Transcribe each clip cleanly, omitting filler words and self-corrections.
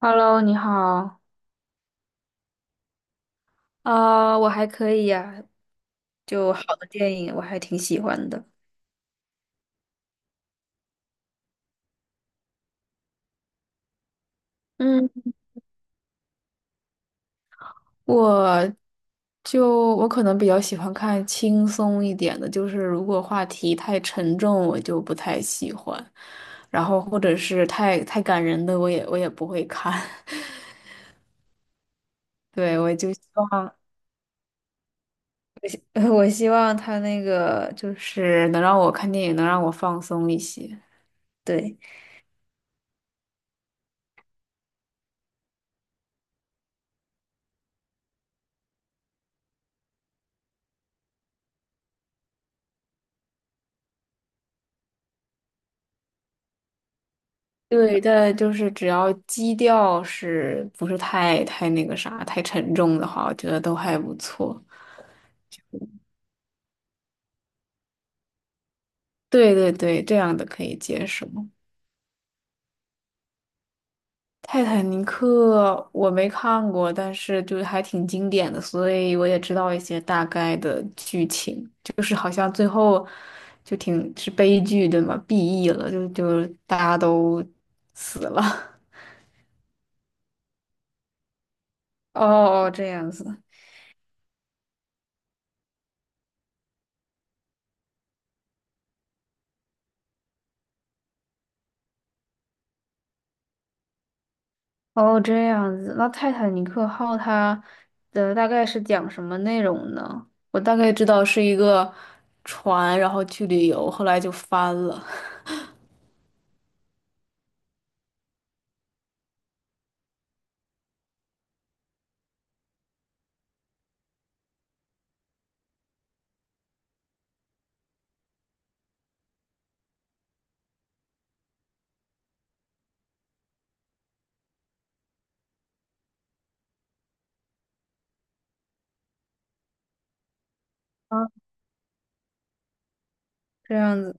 Hello，你好。啊，我还可以呀，就好的电影我还挺喜欢的。嗯，我就我可能比较喜欢看轻松一点的，就是如果话题太沉重，我就不太喜欢。然后或者是太感人的，我也不会看。对，我就希望，我希望他那个就是能让我看电影，能让我放松一些。对，对，但就是只要基调是不是太那个啥，太沉重的话，我觉得都还不错。对对对，这样的可以接受。《泰坦尼克》我没看过，但是就是还挺经典的，所以我也知道一些大概的剧情。就是好像最后就挺是悲剧，对吗？BE 了，就大家都死了。哦哦，这样子。哦，这样子，那《泰坦尼克号》它的大概是讲什么内容呢？我大概知道是一个船，然后去旅游，后来就翻了。啊，这样子，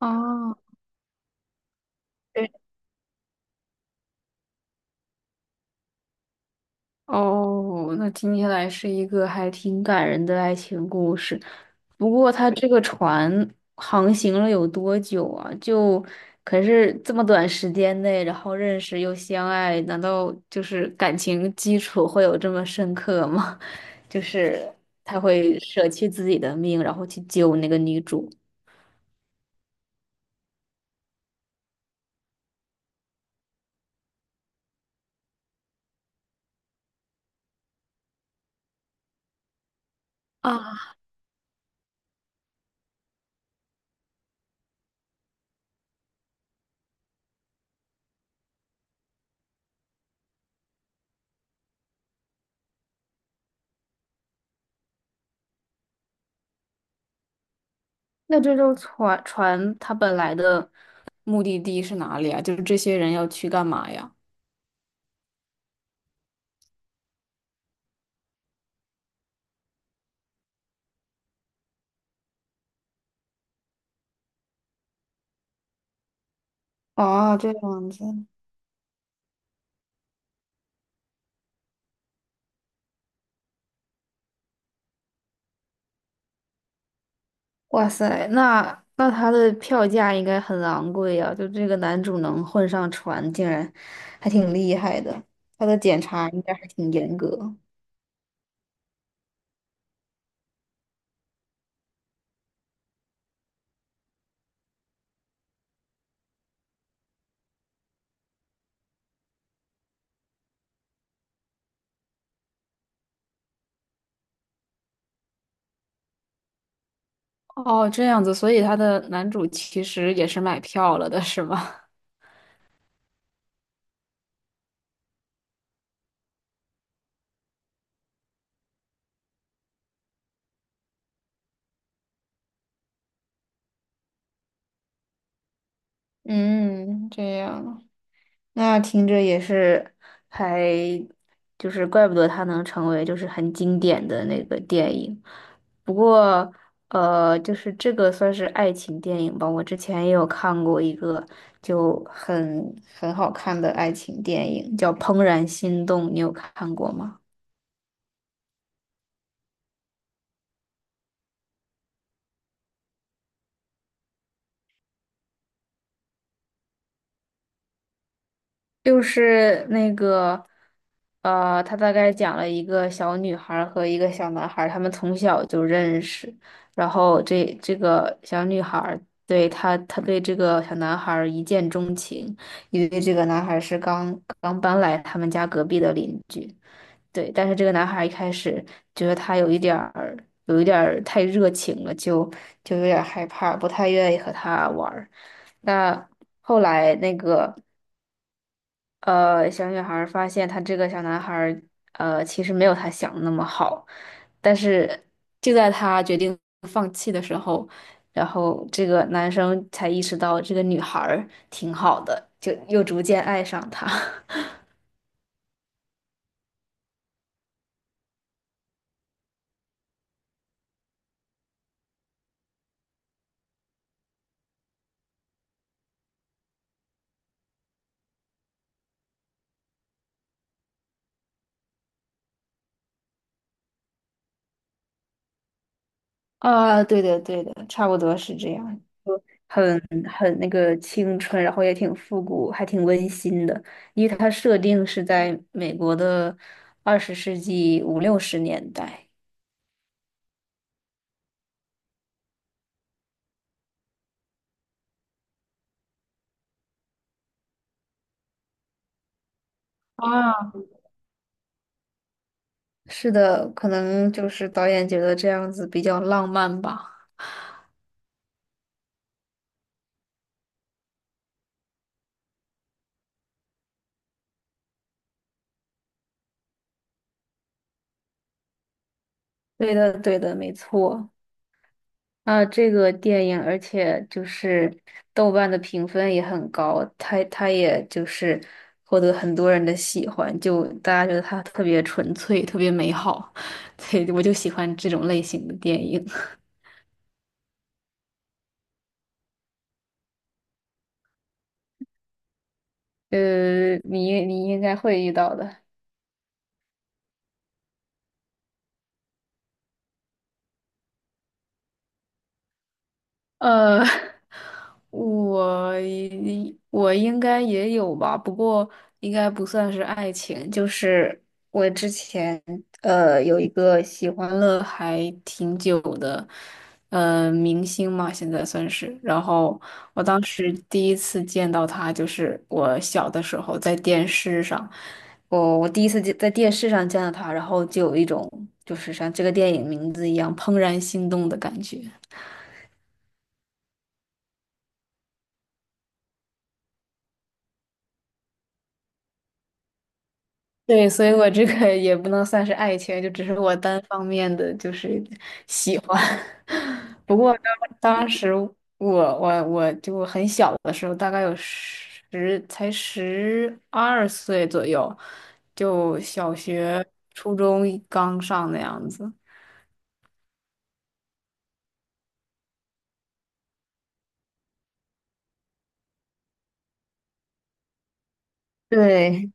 哦，这哦，那听起来是一个还挺感人的爱情故事。不过，它这个船航行了有多久啊？就可是这么短时间内，然后认识又相爱，难道就是感情基础会有这么深刻吗？就是他会舍弃自己的命，然后去救那个女主啊。那这艘船它本来的目的地是哪里啊？就是这些人要去干嘛呀？哦，这样子。哇塞，那他的票价应该很昂贵呀、就这个男主能混上船，竟然还挺厉害的。他的检查应该还挺严格。哦，这样子，所以他的男主其实也是买票了的，是吗？嗯，这样。那听着也是还，就是怪不得它能成为就是很经典的那个电影。不过，呃，就是这个算是爱情电影吧。我之前也有看过一个就很很好看的爱情电影，叫《怦然心动》，你有看过吗？就是那个，呃，他大概讲了一个小女孩儿和一个小男孩儿，他们从小就认识，然后这个小女孩儿对他，他对这个小男孩儿一见钟情，因为这个男孩儿是刚刚搬来他们家隔壁的邻居，对，但是这个男孩儿一开始觉得他有一点儿，有一点儿太热情了，就有点儿害怕，不太愿意和他玩儿。那后来那个。呃，小女孩儿发现她这个小男孩儿，呃，其实没有她想的那么好，但是就在她决定放弃的时候，然后这个男生才意识到这个女孩儿挺好的，就又逐渐爱上她。啊，对的，对的，差不多是这样，很很那个青春，然后也挺复古，还挺温馨的，因为它设定是在美国的20世纪五六十年代。是的，可能就是导演觉得这样子比较浪漫吧。对的，对的，没错。啊，这个电影，而且就是豆瓣的评分也很高，它也就是获得很多人的喜欢，就大家觉得它特别纯粹，特别美好。对，我就喜欢这种类型的电影。呃，你应该会遇到的。呃，我我应该也有吧，不过应该不算是爱情，就是我之前呃有一个喜欢了还挺久的，呃明星嘛，现在算是。然后我当时第一次见到他，就是我小的时候在电视上，我第一次见在电视上见到他，然后就有一种就是像这个电影名字一样怦然心动的感觉。对，所以我这个也不能算是爱情，就只是我单方面的就是喜欢。不过当时我就很小的时候，大概有十才12岁左右，就小学、初中刚上那样子。对，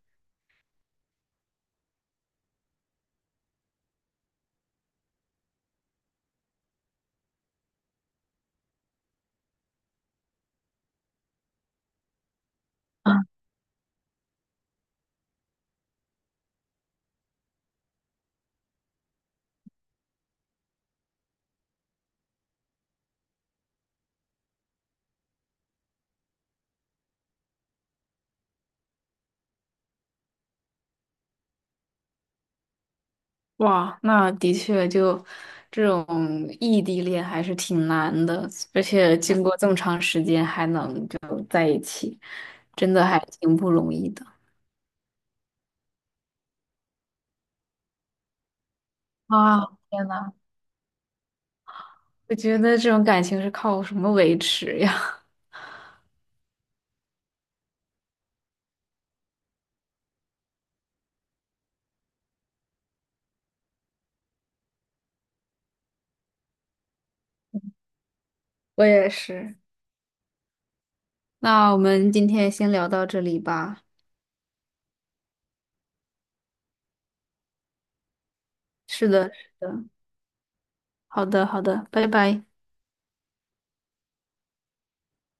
哇，那的确就这种异地恋还是挺难的，而且经过这么长时间还能，真的还挺不容易的。啊，天呐！我觉得这种感情是靠什么维持呀？我也是。那我们今天先聊到这里吧。是的，是的。好的，好的，拜拜。